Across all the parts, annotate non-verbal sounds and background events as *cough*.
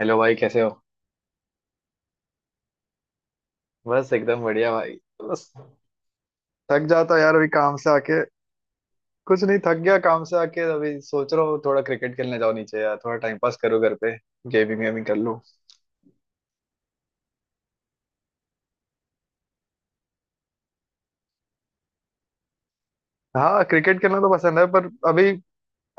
Hello भाई, कैसे हो? बस एकदम बढ़िया भाई। बस। थक जाता यार अभी काम से आके। कुछ नहीं, थक गया काम से आके। अभी सोच रहा हूँ थोड़ा क्रिकेट खेलने जाओ नीचे, यार थोड़ा टाइम पास करो घर पे, गेमिंग वेमिंग कर लूँ। हाँ, क्रिकेट खेलना तो पसंद है पर अभी,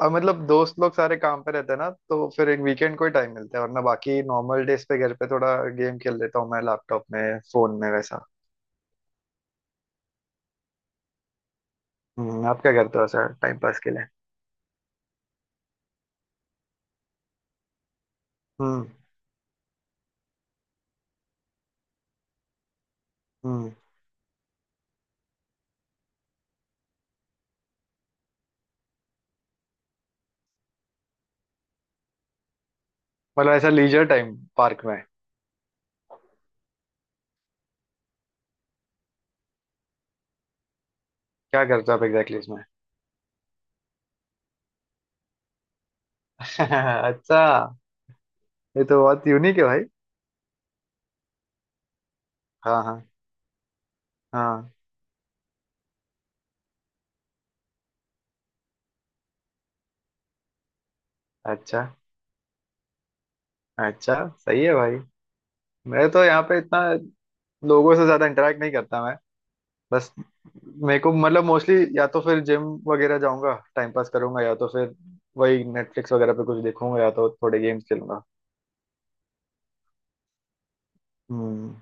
अब मतलब दोस्त लोग सारे काम पे रहते हैं ना, तो फिर एक वीकेंड को ही टाइम मिलता है, वरना बाकी नॉर्मल डेज पे घर पे थोड़ा गेम खेल लेता हूँ मैं लैपटॉप में, फोन में वैसा। हम्म। आप क्या करते हो ऐसा टाइम पास के लिए? हम्म। हम्म। मतलब ऐसा लीजर टाइम पार्क में? क्या करते हो आप एग्जैक्टली इसमें? *laughs* अच्छा। ये तो बहुत यूनिक है भाई। हाँ हाँ। हाँ। अच्छा। अच्छा सही है भाई। मैं तो यहाँ पे इतना लोगों से ज्यादा इंटरेक्ट नहीं करता मैं। बस, मेरे को मतलब मोस्टली या तो फिर जिम वगैरह जाऊंगा टाइम पास करूंगा, या तो फिर वही नेटफ्लिक्स वगैरह पे कुछ देखूंगा, या तो थोड़े गेम्स खेलूंगा। हम्म।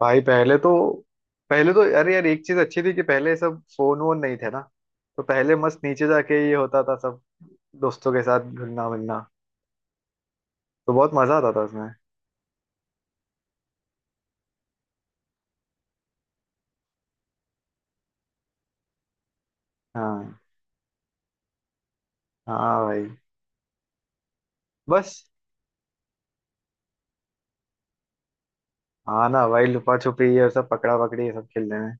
भाई पहले तो अरे यार, एक चीज अच्छी थी कि पहले सब फोन वोन नहीं थे ना, तो पहले मस्त नीचे जाके ये होता था सब, दोस्तों के साथ घुलना मिलना, तो बहुत मजा आता था उसमें। हाँ। हाँ भाई। बस। हाँ ना भाई, लुपा छुपी ये सब, पकड़ा पकड़ी ये सब खेलने में।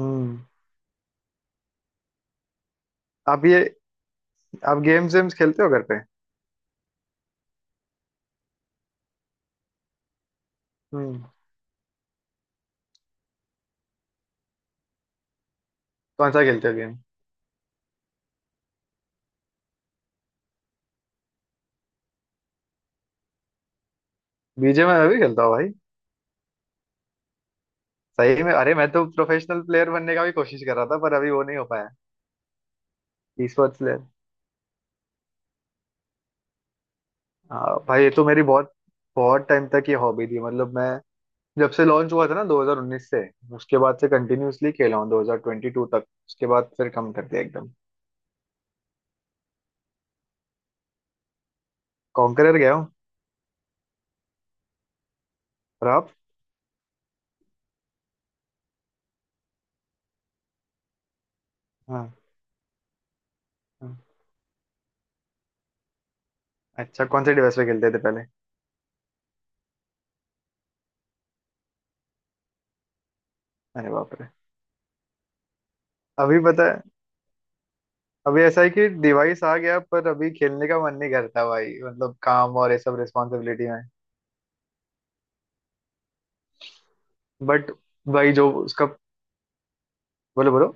हम्म। आप ये, आप गेम्स वेम्स खेलते हो घर पे? हम्म। कौन सा खेलते हो गेम? बीजे में मैं भी खेलता हूँ भाई। सही में? अरे मैं तो प्रोफेशनल प्लेयर बनने का भी कोशिश कर रहा था, पर अभी वो नहीं हो पाया। E sports player. हाँ भाई, ये तो मेरी बहुत, बहुत टाइम तक ये हॉबी थी। मतलब मैं, जब से लॉन्च हुआ था ना 2019 से, उसके बाद से कंटिन्यूअसली खेला हूँ 2022 तक, उसके बाद फिर कम कर दिया एकदम। कॉन्करर गया हूँ। और आप? हाँ। अच्छा, कौन से डिवाइस पे खेलते थे पहले? अरे बाप रे। अभी पता है, अभी ऐसा है कि डिवाइस आ गया, पर अभी खेलने का मन नहीं करता भाई, मतलब काम और ये सब रिस्पॉन्सिबिलिटी में। बट। भाई जो उसका। बोलो बोलो।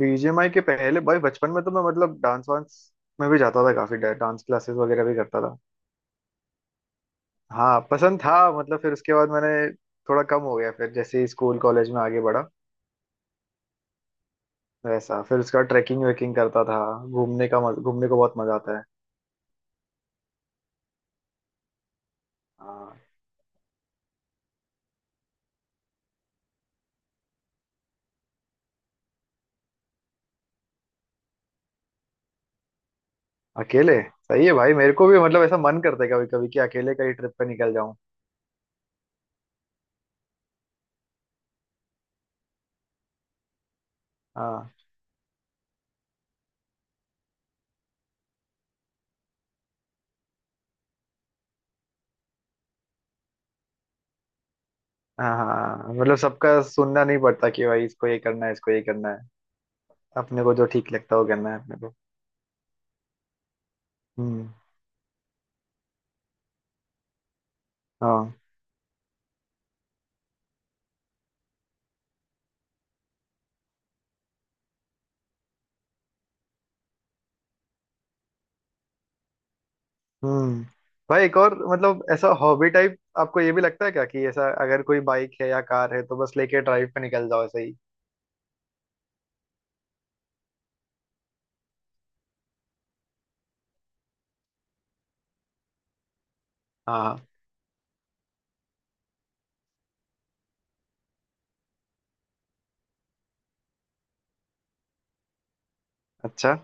बीजीएमआई के पहले भाई, बचपन में तो मैं मतलब डांस वांस में भी जाता था, काफी डांस क्लासेस वगैरह भी करता था। हाँ, पसंद था। मतलब फिर उसके बाद मैंने, थोड़ा कम हो गया फिर जैसे ही स्कूल कॉलेज में आगे बढ़ा, वैसा। फिर उसका ट्रैकिंग वेकिंग करता था। घूमने को बहुत मजा आता है। हाँ। अकेले सही है भाई, मेरे को भी मतलब ऐसा मन करता है कभी कभी, कि अकेले कहीं ट्रिप पे निकल जाऊं। हाँ हाँ। हाँ हाँ, मतलब सबका सुनना नहीं पड़ता कि भाई इसको ये करना है, इसको ये करना है। अपने को जो ठीक लगता है वो करना है अपने को। हम्म। हाँ। हम्म। भाई एक और, मतलब ऐसा हॉबी टाइप आपको ये भी लगता है क्या, कि ऐसा अगर कोई बाइक है या कार है, तो बस लेके ड्राइव पे निकल जाओ ऐसे ही? हाँ अच्छा।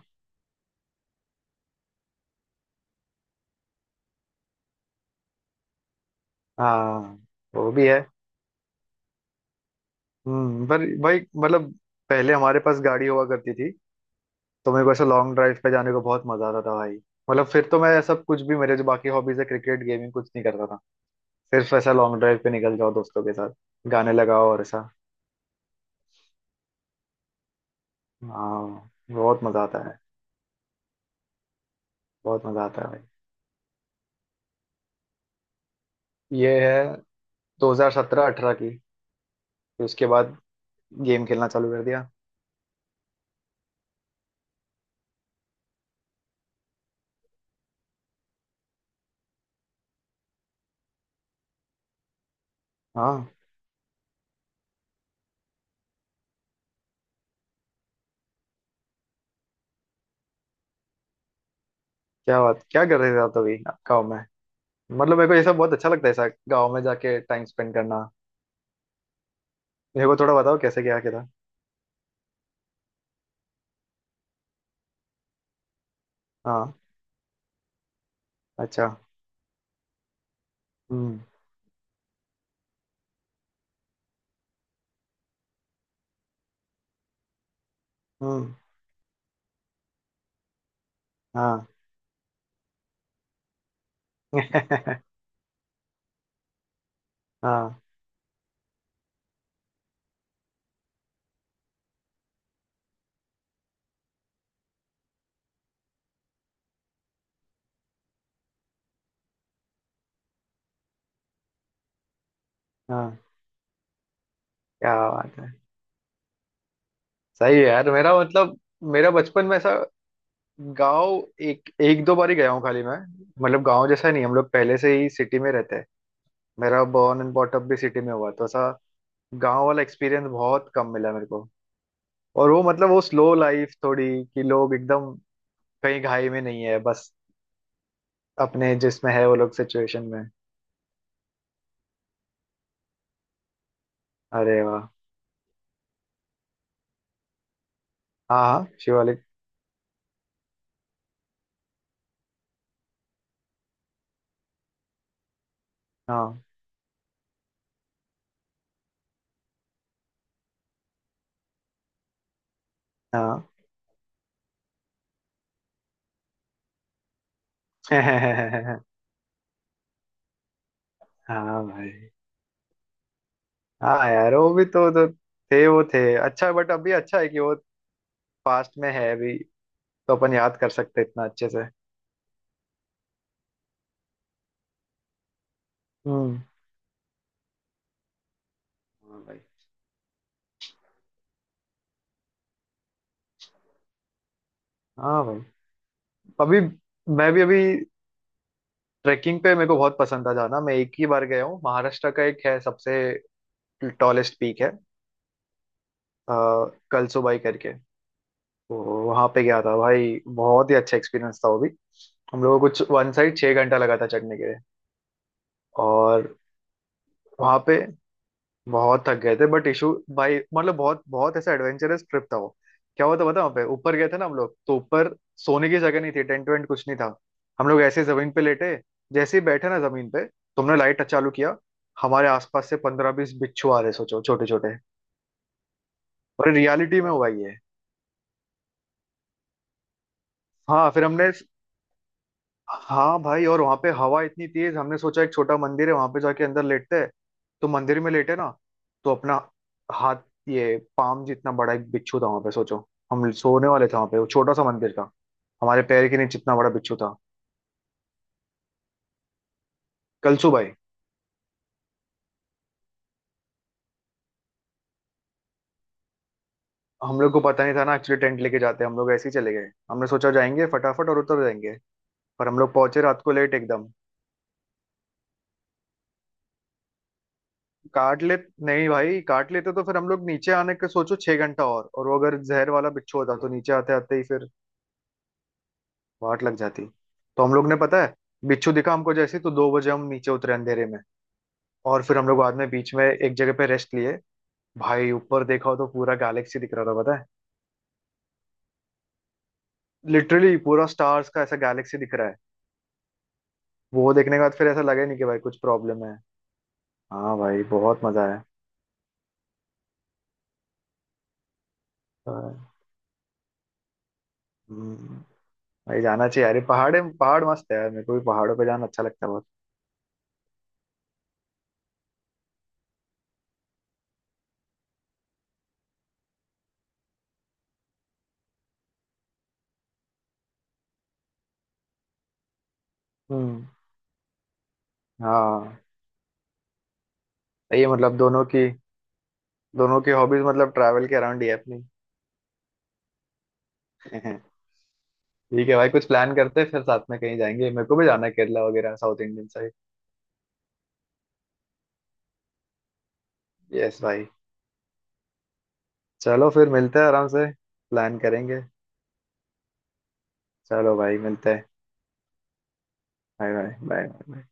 हाँ, वो भी है। हम्म। पर भाई मतलब पहले हमारे पास गाड़ी हुआ करती थी, तो मेरे को ऐसे लॉन्ग ड्राइव पे जाने को बहुत मजा आता था भाई। मतलब फिर तो मैं सब कुछ भी, मेरे जो बाकी हॉबीज है क्रिकेट गेमिंग, कुछ नहीं करता था, सिर्फ ऐसा लॉन्ग ड्राइव पे निकल जाओ दोस्तों के साथ, गाने लगाओ और ऐसा। हाँ, बहुत मजा आता है। बहुत मजा आता है भाई। ये है 2017-18 की। फिर उसके बाद गेम खेलना चालू कर दिया। हाँ। क्या बात, क्या कर रहे थे आप अभी गाँव में? मतलब मेरे को ये सब बहुत अच्छा लगता है, ऐसा गाँव में जाके टाइम स्पेंड करना। मेरे को थोड़ा बताओ, कैसे क्या किया था? हाँ। अच्छा। हम्म। हम्म। हाँ। *laughs* हाँ। हाँ। क्या बात है! सही है यार। मेरा मतलब, मेरा बचपन में ऐसा गांव, एक एक दो बार ही गया हूँ खाली मैं। मतलब गांव जैसा नहीं, हम लोग पहले से ही सिटी में रहते हैं। मेरा बॉर्न एंड बॉट अप भी सिटी में हुआ, तो ऐसा गांव वाला एक्सपीरियंस बहुत कम मिला मेरे को। और वो मतलब वो स्लो लाइफ थोड़ी, कि लोग एकदम कहीं घाई में नहीं है, बस अपने जिसमें है वो लोग सिचुएशन में। अरे वाह। हाँ हाँ, शिवालिक। हाँ हाँ। *laughs* हाँ भाई। हाँ यार, वो भी तो थे, वो थे। अच्छा, बट अभी अच्छा है कि वो पास्ट में है, अभी तो अपन याद कर सकते हैं इतना अच्छे से। हम्म। हाँ भाई। हाँ भाई। अभी मैं भी अभी, ट्रैकिंग पे मेरे को बहुत पसंद था जाना। मैं एक ही बार गया हूँ, महाराष्ट्र का एक है सबसे टॉलेस्ट पीक है, आ, कलसुबाई करके, तो वहां पे गया था भाई। बहुत ही अच्छा एक्सपीरियंस था वो भी। हम लोगों को कुछ वन साइड 6 घंटा लगा था चढ़ने के लिए, और हाँ। वहां पे बहुत थक गए थे, बट इशू भाई, मतलब बहुत बहुत ऐसा एडवेंचरस ट्रिप था वो। क्या हुआ था पता है, वहाँ पे ऊपर गए थे ना हम लोग, तो ऊपर सोने की जगह नहीं थी, टेंट वेंट कुछ नहीं था। हम लोग ऐसे जमीन पे लेटे, जैसे ही बैठे ना जमीन पे, तुमने लाइट चालू किया, हमारे आसपास से 15-20 बिच्छू आ रहे, सोचो, छोटे छोटे। और रियलिटी में हुआ ये। हाँ फिर हमने, हाँ भाई, और वहां पे हवा इतनी तेज, हमने सोचा एक छोटा मंदिर है वहां पे, जाके अंदर लेटते हैं। तो मंदिर में लेटे ना, तो अपना हाथ, ये पाम जितना बड़ा एक बिच्छू था वहां पे, सोचो। हम सोने वाले थे वहां पे, वो छोटा सा मंदिर था, हमारे पैर के नीचे इतना बड़ा बिच्छू था। कलसू भाई। हम लोग को पता नहीं था ना एक्चुअली टेंट लेके जाते हैं, हम लोग ऐसे ही चले गए, हमने सोचा जाएंगे फटाफट और उतर जाएंगे, पर हम लोग पहुंचे रात को लेट एकदम। काट ले। नहीं भाई, काट लेते तो फिर हम लोग नीचे आने के, सोचो, 6 घंटा, और वो अगर जहर वाला बिच्छू होता, तो नीचे आते आते ही फिर वाट लग जाती। तो हम लोग ने पता है, बिच्छू दिखा हमको जैसे ही, तो 2 बजे हम नीचे उतरे अंधेरे में। और फिर हम लोग बाद में बीच में एक जगह पे रेस्ट लिए। भाई ऊपर देखा हो तो पूरा गैलेक्सी दिख रहा था पता है, लिटरली पूरा स्टार्स का ऐसा गैलेक्सी दिख रहा है। वो देखने के बाद फिर ऐसा लगे नहीं कि भाई कुछ प्रॉब्लम है। हाँ भाई, बहुत मजा है। हम्म। भाई जाना चाहिए यार, ये पहाड़े पहाड़ मस्त है यार, मेरे को भी पहाड़ों पे जाना अच्छा लगता है बहुत। हम्म। हाँ। ये मतलब दोनों की, दोनों की हॉबीज मतलब ट्रैवल के अराउंड ही है अपनी। *laughs* ठीक है भाई, कुछ प्लान करते हैं, फिर साथ में कहीं जाएंगे, मेरे को भी जाना है केरला वगैरह साउथ इंडियन साइड। यस भाई। चलो फिर मिलते हैं आराम से। प्लान करेंगे। चलो भाई, मिलते हैं। Bye bye bye.